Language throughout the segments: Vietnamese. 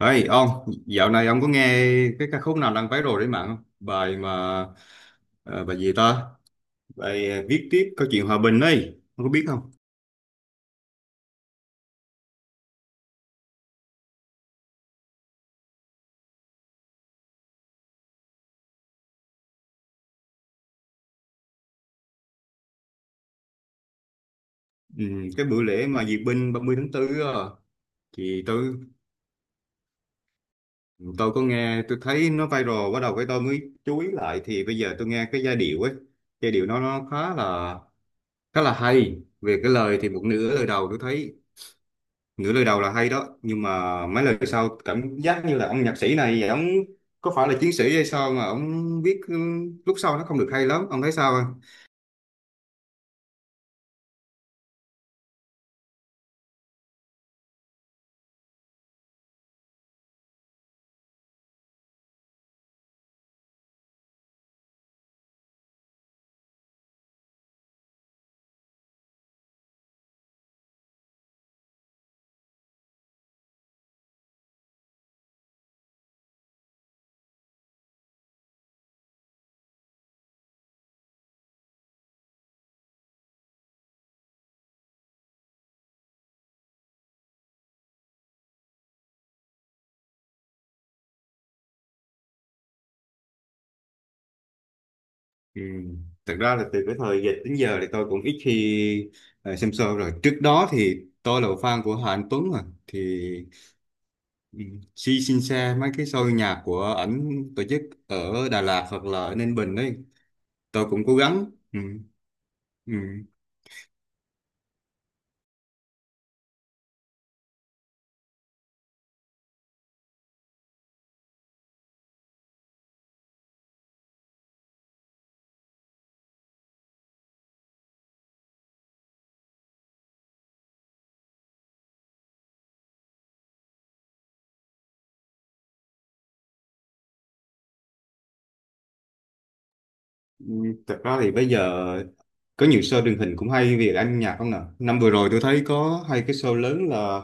Ê ông, dạo này ông có nghe cái ca khúc nào đang viral trên mạng không? Bài mà ờ, bài gì ta? Bài viết tiếp câu chuyện hòa bình ấy, ông có biết không? Ừ, cái bữa lễ mà duyệt binh 30/4 á, thì tôi có nghe, tôi thấy nó viral, bắt đầu cái tôi mới chú ý lại, thì bây giờ tôi nghe cái giai điệu ấy, giai điệu nó khá là hay. Về cái lời thì một nửa lời đầu tôi thấy, nửa lời đầu là hay đó, nhưng mà mấy lời sau cảm giác như là ông nhạc sĩ này ông có phải là chiến sĩ hay sao mà ông viết lúc sau nó không được hay lắm. Ông thấy sao không? Ừ, thật ra là từ cái thời dịch đến giờ thì tôi cũng ít khi xem show, rồi trước đó thì tôi là fan của Hà Anh Tuấn mà thì ừ, si xin xe mấy cái show nhạc của ảnh tổ chức ở Đà Lạt hoặc là ở Ninh Bình đấy. Tôi cũng cố gắng. Ừ. Ừ. Ừ, thật ra thì bây giờ có nhiều show truyền hình cũng hay về âm nhạc, không nào năm vừa rồi tôi thấy có hai cái show lớn là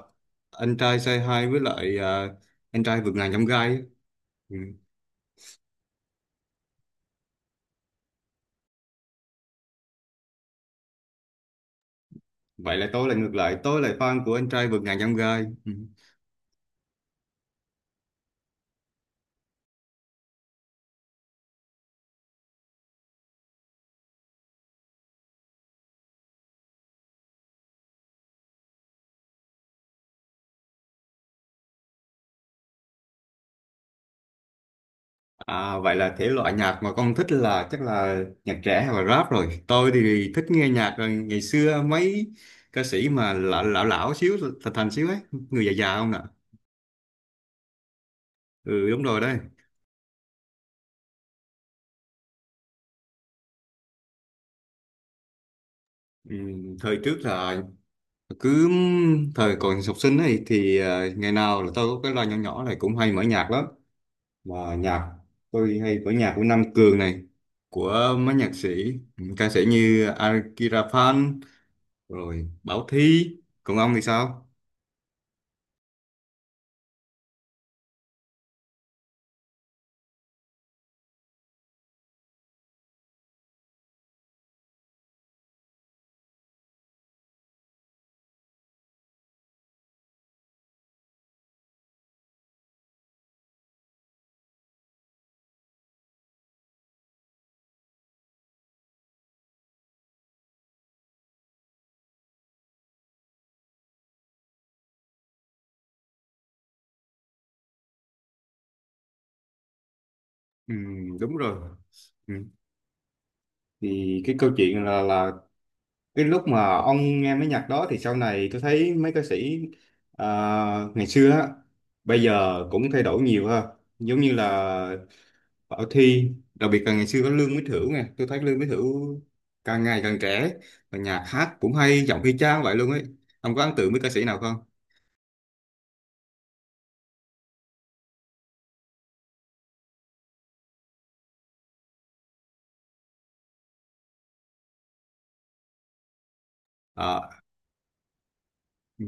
anh trai Say Hi với lại à, anh trai vượt ngàn chông gai á. Ừ, vậy là tôi là ngược lại, tôi là fan của anh trai vượt ngàn chông gai. Ừ. À, vậy là thể loại nhạc mà con thích là chắc là nhạc trẻ hay là rap, rồi tôi thì thích nghe nhạc, rồi ngày xưa mấy ca sĩ mà lão lão, lão xíu, thành thành xíu ấy, người già già không nè. Ừ, đúng rồi đấy. Ừ, thời trước là cứ thời còn học sinh ấy thì à, ngày nào là tôi có cái loa nhỏ nhỏ này cũng hay mở nhạc lắm, mà nhạc, tôi hay mở nhạc của Nam Cường này, của mấy nhạc sĩ, ca sĩ như Akira Phan, rồi Bảo Thy. Còn ông thì sao? Ừ, đúng rồi. Ừ, thì cái câu chuyện là cái lúc mà ông nghe mấy nhạc đó thì sau này tôi thấy mấy ca sĩ à, ngày xưa á, bây giờ cũng thay đổi nhiều ha. Giống như là Bảo Thy, đặc biệt là ngày xưa có Lương Mỹ Thửu nè. Tôi thấy Lương Mỹ Thửu càng ngày càng trẻ, và nhạc hát cũng hay, giọng y chang vậy luôn ấy. Ông có ấn tượng với ca sĩ nào không? Ờ. Ừ.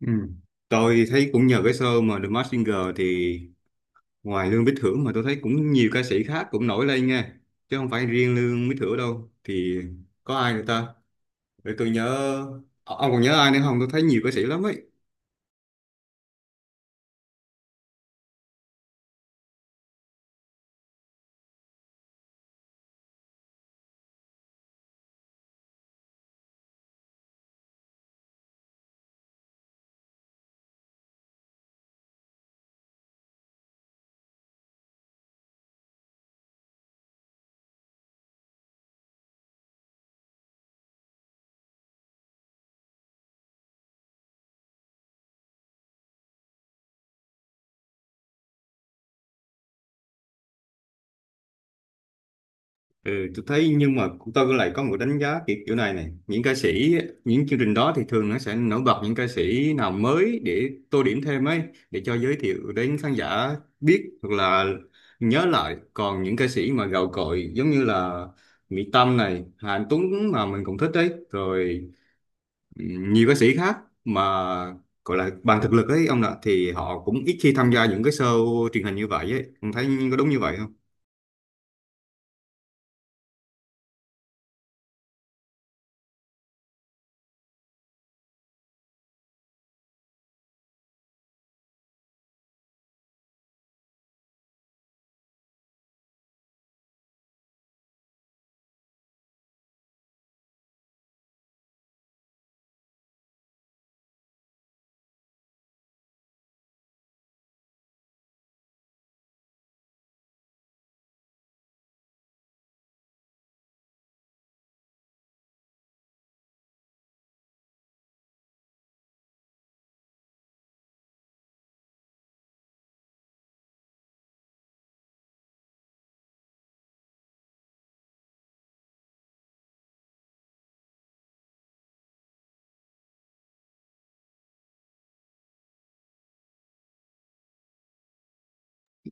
Ừ, tôi thấy cũng nhờ cái show mà The Masked Singer thì ngoài Lương Mỹ thưởng mà tôi thấy cũng nhiều ca sĩ khác cũng nổi lên nha, chứ không phải riêng Lương Mỹ thưởng đâu. Thì có ai nữa ta? Để tôi nhớ. Ông còn nhớ ai nữa không? Tôi thấy nhiều ca sĩ lắm ấy. Ừ, tôi thấy, nhưng mà tôi lại có một đánh giá kiểu này này những ca sĩ, những chương trình đó thì thường nó sẽ nổi bật những ca sĩ nào mới để tô điểm thêm ấy, để cho giới thiệu đến khán giả biết hoặc là nhớ lại. Còn những ca sĩ mà gạo cội giống như là Mỹ Tâm này, Hà Anh Tuấn mà mình cũng thích đấy rồi, nhiều ca sĩ khác mà gọi là bằng thực lực ấy ông ạ, thì họ cũng ít khi tham gia những cái show truyền hình như vậy ấy. Ông thấy có đúng như vậy không?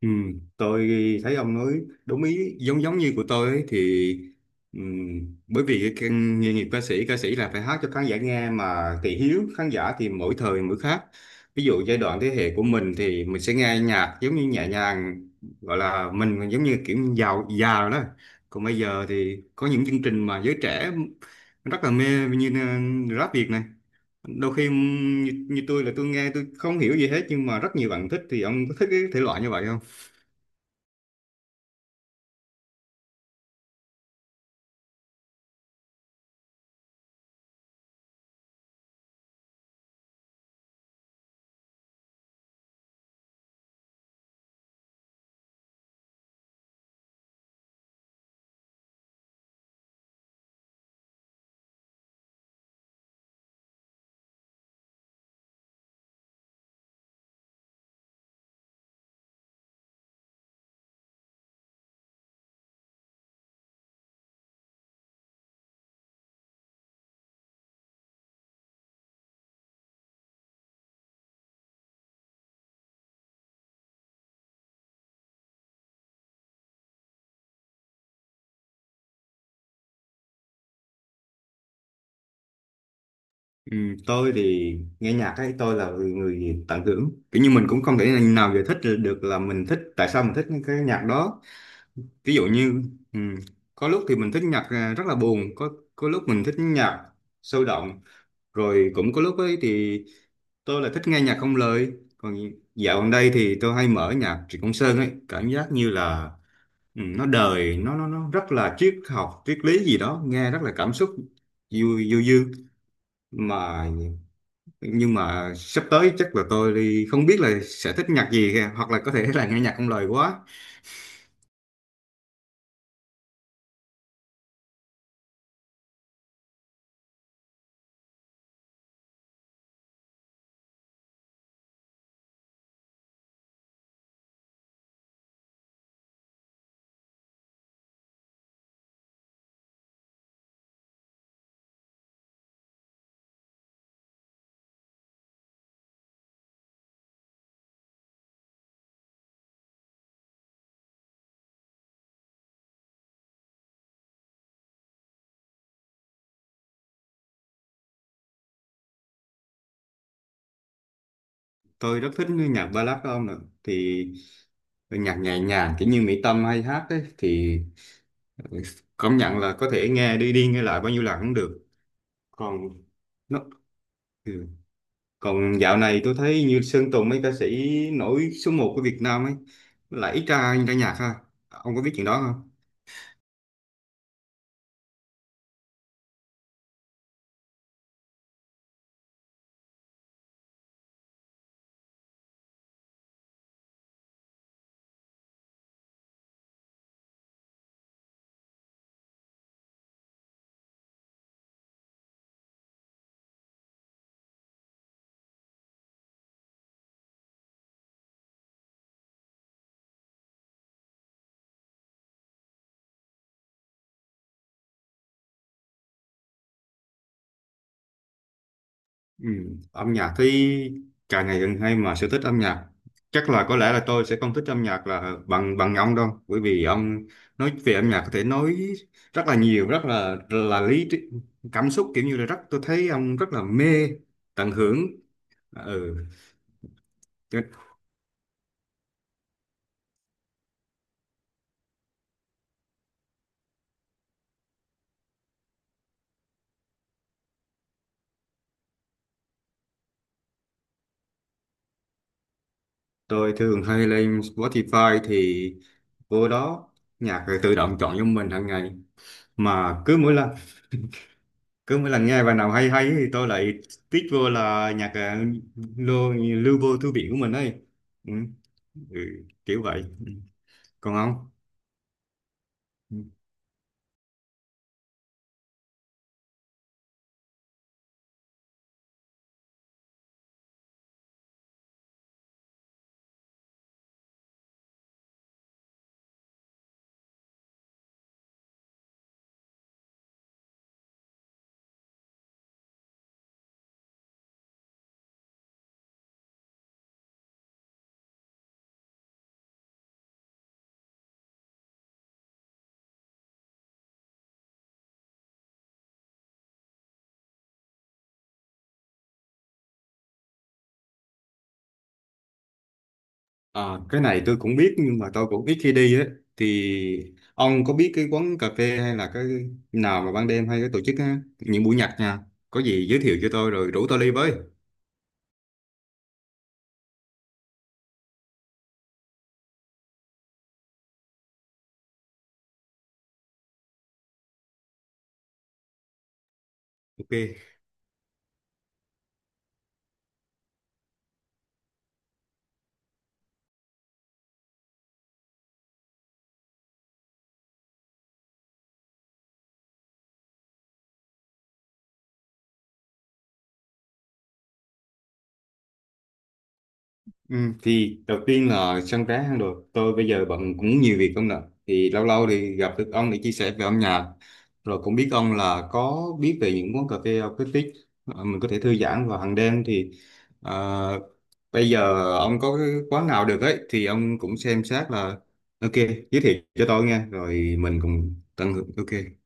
Ừ, tôi thấy ông nói đúng ý, giống giống như của tôi ấy, thì bởi vì cái nghề nghiệp ca sĩ là phải hát cho khán giả nghe, mà thị hiếu khán giả thì mỗi thời mỗi khác. Ví dụ giai đoạn thế hệ của mình thì mình sẽ nghe nhạc giống như nhẹ nhàng, gọi là mình giống như kiểu giàu già rồi đó. Còn bây giờ thì có những chương trình mà giới trẻ rất là mê như rap Việt này. Đôi khi như tôi là tôi nghe, tôi không hiểu gì hết nhưng mà rất nhiều bạn thích. Thì ông có thích cái thể loại như vậy không? Ừ, tôi thì nghe nhạc ấy, tôi là người tận hưởng, kiểu như mình cũng không thể nào giải thích được là mình thích tại sao mình thích những cái nhạc đó. Ví dụ như ừ, có lúc thì mình thích nhạc rất là buồn, có lúc mình thích nhạc sôi động, rồi cũng có lúc ấy thì tôi là thích nghe nhạc không lời. Còn dạo gần đây thì tôi hay mở nhạc Trịnh Công Sơn ấy, cảm giác như là nó đời, nó rất là triết học, triết lý gì đó, nghe rất là cảm xúc, du du dương mà nhưng mà sắp tới chắc là tôi đi, không biết là sẽ thích nhạc gì kìa. Hoặc là có thể là nghe nhạc không lời quá. Tôi rất thích nhạc ballad của ông nữa, thì nhạc nhẹ nhàng kiểu như Mỹ Tâm hay hát ấy, thì công nhận là có thể nghe đi đi nghe lại bao nhiêu lần cũng được. Còn nó Ừ. Còn dạo này tôi thấy như Sơn Tùng, mấy ca sĩ nổi số một của Việt Nam ấy lại ít ra ra nhạc ha. Ông có biết chuyện đó không? Ừ, âm nhạc thì càng ngày càng hay, mà sở thích âm nhạc chắc là có lẽ là tôi sẽ không thích âm nhạc là bằng bằng ông đâu, bởi vì ông nói về âm nhạc có thể nói rất là nhiều, rất là lý trí, cảm xúc, kiểu như là rất, tôi thấy ông rất là mê tận hưởng. Ừ. Chứ tôi thường hay lên Spotify, thì vô đó nhạc tự động chọn cho mình hàng ngày, mà cứ mỗi lần nghe bài nào hay hay thì tôi lại tích vô là nhạc, lưu vô thư viện của mình ấy. Ừ. Ừ, kiểu vậy. Ừ. Còn ông. Ừ. À, cái này tôi cũng biết nhưng mà tôi cũng ít khi đi ấy, thì ông có biết cái quán cà phê hay là cái nào mà ban đêm hay cái tổ chức á, những buổi nhạc nha, có gì giới thiệu cho tôi rồi rủ tôi đi với. Ok. Ừ, thì đầu tiên là sân trái hang được, tôi bây giờ bận cũng nhiều việc không nè, thì lâu lâu thì gặp được ông để chia sẻ về âm nhạc, rồi cũng biết ông là có biết về những quán cà phê acoustic, mình có thể thư giãn vào hàng đêm thì ờ, bây giờ ông có cái quán nào được ấy thì ông cũng xem xét là ok, giới thiệu cho tôi nghe rồi mình cùng tận hưởng. Ok.